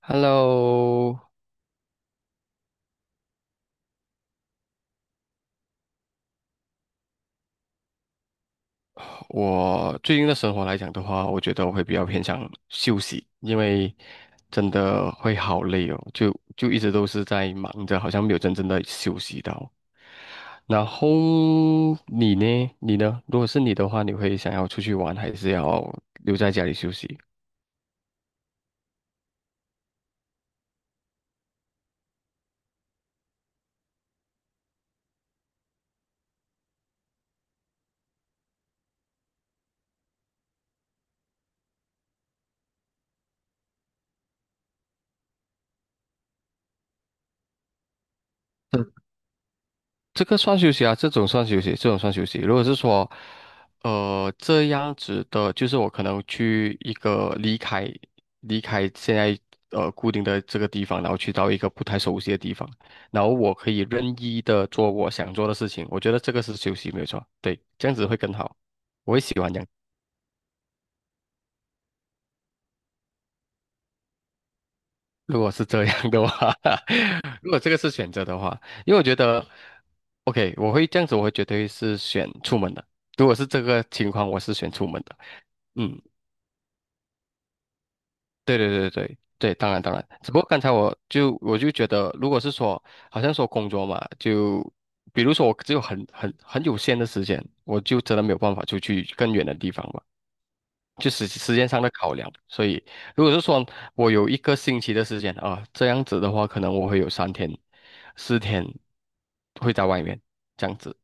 Hello，我最近的生活来讲的话，我觉得我会比较偏向休息，因为真的会好累哦，就一直都是在忙着，好像没有真正的休息到。然后你呢？你呢？如果是你的话，你会想要出去玩，还是要留在家里休息？这个算休息啊，这种算休息，这种算休息。如果是说，这样子的，就是我可能去一个离开现在固定的这个地方，然后去到一个不太熟悉的地方，然后我可以任意的做我想做的事情。我觉得这个是休息，没有错。对，这样子会更好，我会喜欢这样。如果是这样的话，如果这个是选择的话，因为我觉得，OK，我会这样子，我会绝对是选出门的。如果是这个情况，我是选出门的。嗯，对对对对对，当然当然，只不过刚才我就觉得，如果是说好像说工作嘛，就比如说我只有很有限的时间，我就真的没有办法出去更远的地方嘛，就时间上的考量。所以如果是说我有一个星期的时间啊，这样子的话，可能我会有3天、4天会在外面这样子。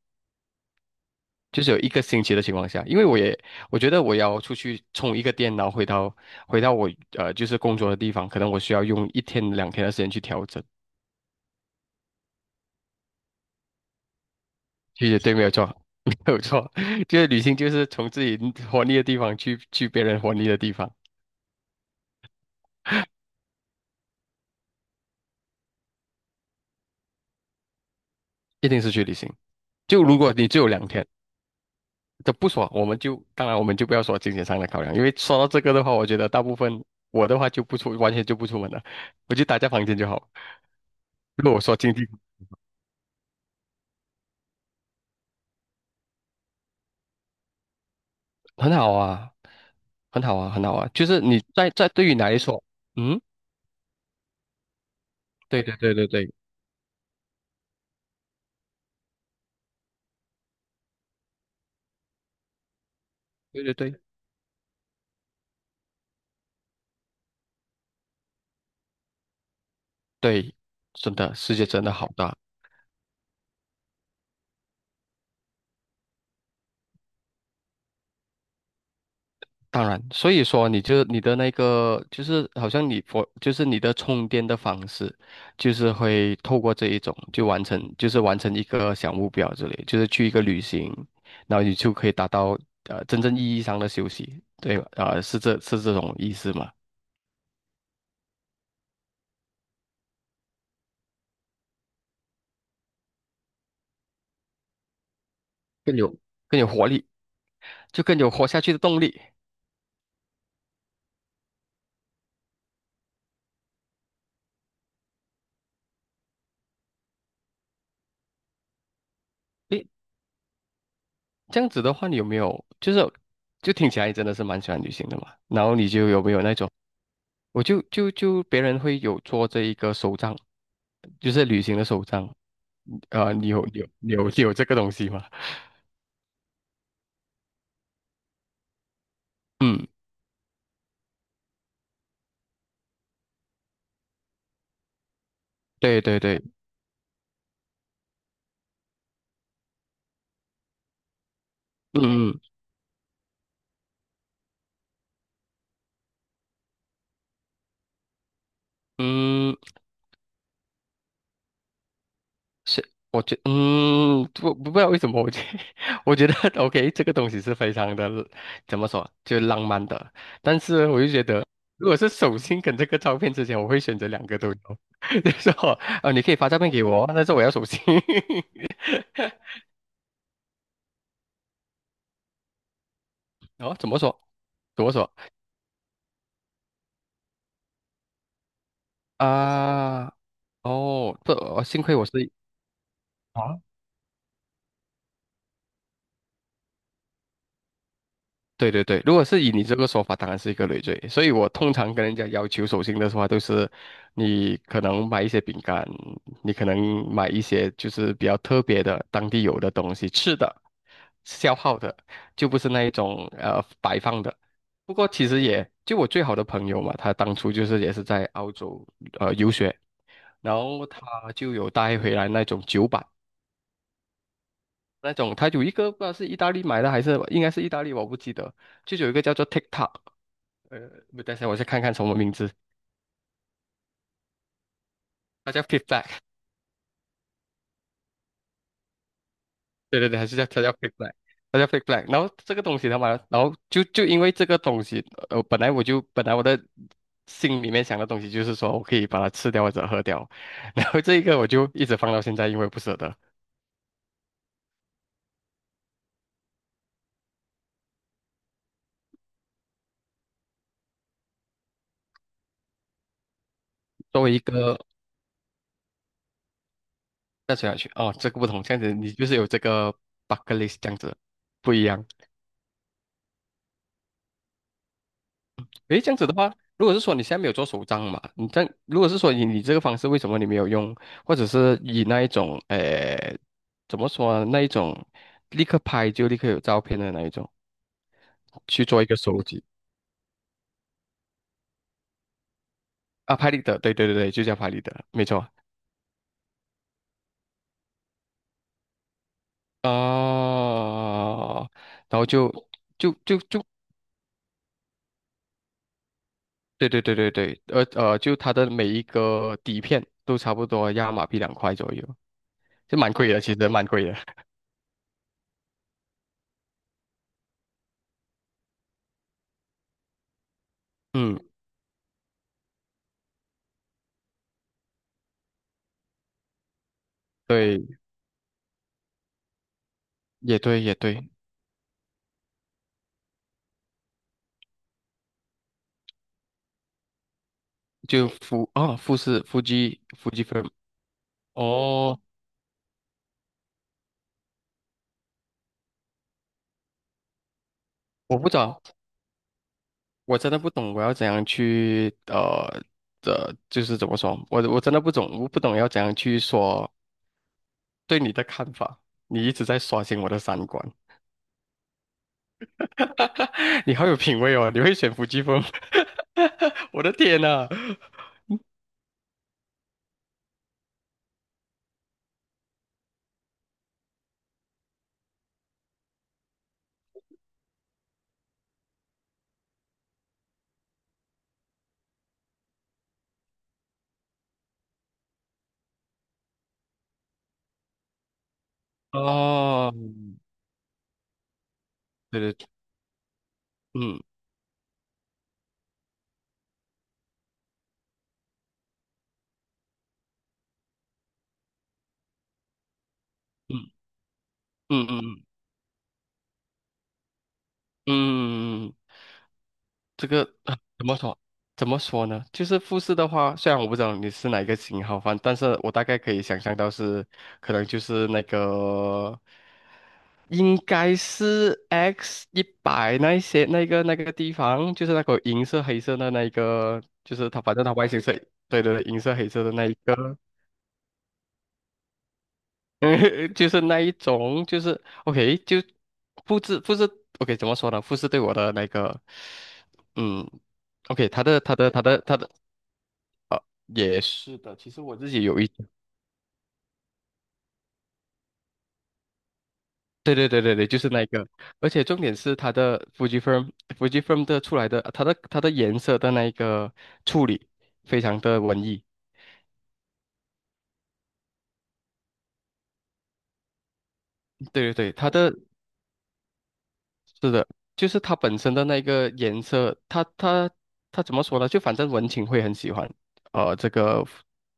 就是有一个星期的情况下，因为我也我觉得我要出去充一个电脑，回到我就是工作的地方，可能我需要用1天2天的时间去调整。其实对，没有错，没有错，就是旅行就是从自己活腻的地方去别人活腻的地方，一定是去旅行。就如果你只有两天，这不说，我们就当然我们就不要说金钱上的考量，因为说到这个的话，我觉得大部分我的话就不出，完全就不出门了，我就待在房间就好。如果我说经济很好啊，很好啊，很好啊，就是你对于你来说，嗯，对对对对对对对对对，真的世界真的好大。当然，所以说你就你的那个就是好像你佛就是你的充电的方式，就是会透过这一种就是完成一个小目标之类，就是去一个旅行，然后你就可以达到真正意义上的休息，对吧？啊、是这种意思吗？更有更有活力，就更有活下去的动力。诶，这样子的话，你有没有就是就听起来你真的是蛮喜欢旅行的嘛？然后你就有没有那种，我就就就别人会有做这一个手账，就是旅行的手账，你有这个东西吗？嗯，对对对，嗯嗯嗯。是，我觉嗯，不知道为什么，我觉得 OK，这个东西是非常的，怎么说，就浪漫的。但是我就觉得，如果是手心跟这个照片之前，我会选择两个都有。就是说，啊，你可以发照片给我，但是我要手信。哦，怎么说？怎么说？啊、哦，幸亏我是。啊。对对对，如果是以你这个说法，当然是一个累赘。所以我通常跟人家要求手信的话，都是你可能买一些饼干，你可能买一些就是比较特别的当地有的东西吃的，消耗的，就不是那一种摆放的。不过其实也就我最好的朋友嘛，他当初就是也是在澳洲游学，然后他就有带回来那种酒板，那种他有一个不知道是意大利买的还是应该是意大利，我不记得，就有一个叫做 TikTok。呃，不等一下，我先看看什么名字，它叫 Pickback，对对对，还是叫 Pickback，它叫 Pickback。然后这个东西他妈，然后就因为这个东西，本来我的心里面想的东西就是说我可以把它吃掉或者喝掉，然后这一个我就一直放到现在，因为不舍得。作为一个再吃下去，哦，这个不同，这样子你就是有这个 bucket list 这样子，不一样。诶，这样子的话，如果是说你现在没有做手账嘛，你这样如果是说以你这个方式，为什么你没有用，或者是以那一种，诶，怎么说呢那一种立刻拍就立刻有照片的那一种去做一个收集啊，拍立得，对对对对，就叫拍立得，没错哦，然后就对对对对对，就它的每一个底片都差不多要马币2块左右，就蛮贵的，其实蛮贵的，嗯，对，也对也对。就富啊、富士富基 f 哦，我不知道，我真的不懂，我要怎样去的，就是怎么说，我真的不懂，我不懂要怎样去说对你的看法。你一直在刷新我的三观，你好有品味哦，你会选腹基风，我的天呐！哦，对对，嗯嗯嗯嗯嗯嗯嗯，这个啊怎么说？怎么说呢？就是富士的话，虽然我不知道你是哪一个型号反，但是我大概可以想象到是，可能就是那个，应该是 X100那一些那个地方，就是那个银色黑色的那一个，就是它反正它外形是，对对对，银色黑色的那一个，就是那一种，就是 OK 就复制 OK 怎么说呢？复制对我的那个，嗯。OK，他的也是的，其实我自己有一，对对对对对，就是那个，而且重点是它的 Fujifilm f u f i l m 的出来的，它的颜色的那一个处理非常的文艺，对对对，它的是的，就是它本身的那个颜色，它怎么说呢？就反正文青会很喜欢，这个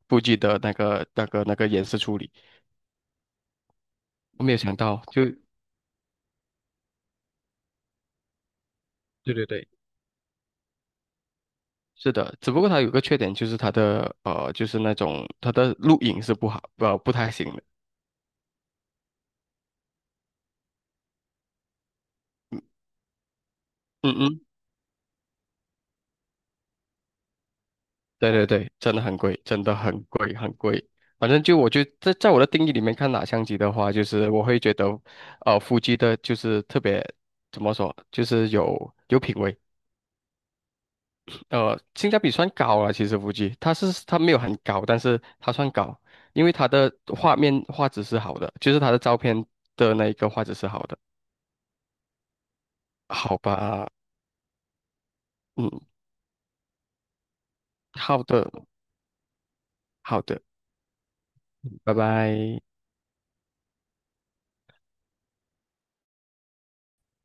f u 的那个颜色处理，我没有想到，就对对对。是的，只不过它有个缺点，就是它的就是那种它的录影是不好，不太行的。嗯嗯，对对对，真的很贵，真的很贵，很贵。反正就我觉得在我的定义里面看哪相机的话，就是我会觉得，夫妻的就是特别怎么说，就是有品味，性价比算高了。其实夫妻它没有很高，但是它算高，因为它的画面画质是好的，就是它的照片的那一个画质是好的。好吧，嗯，好的，好的，拜拜。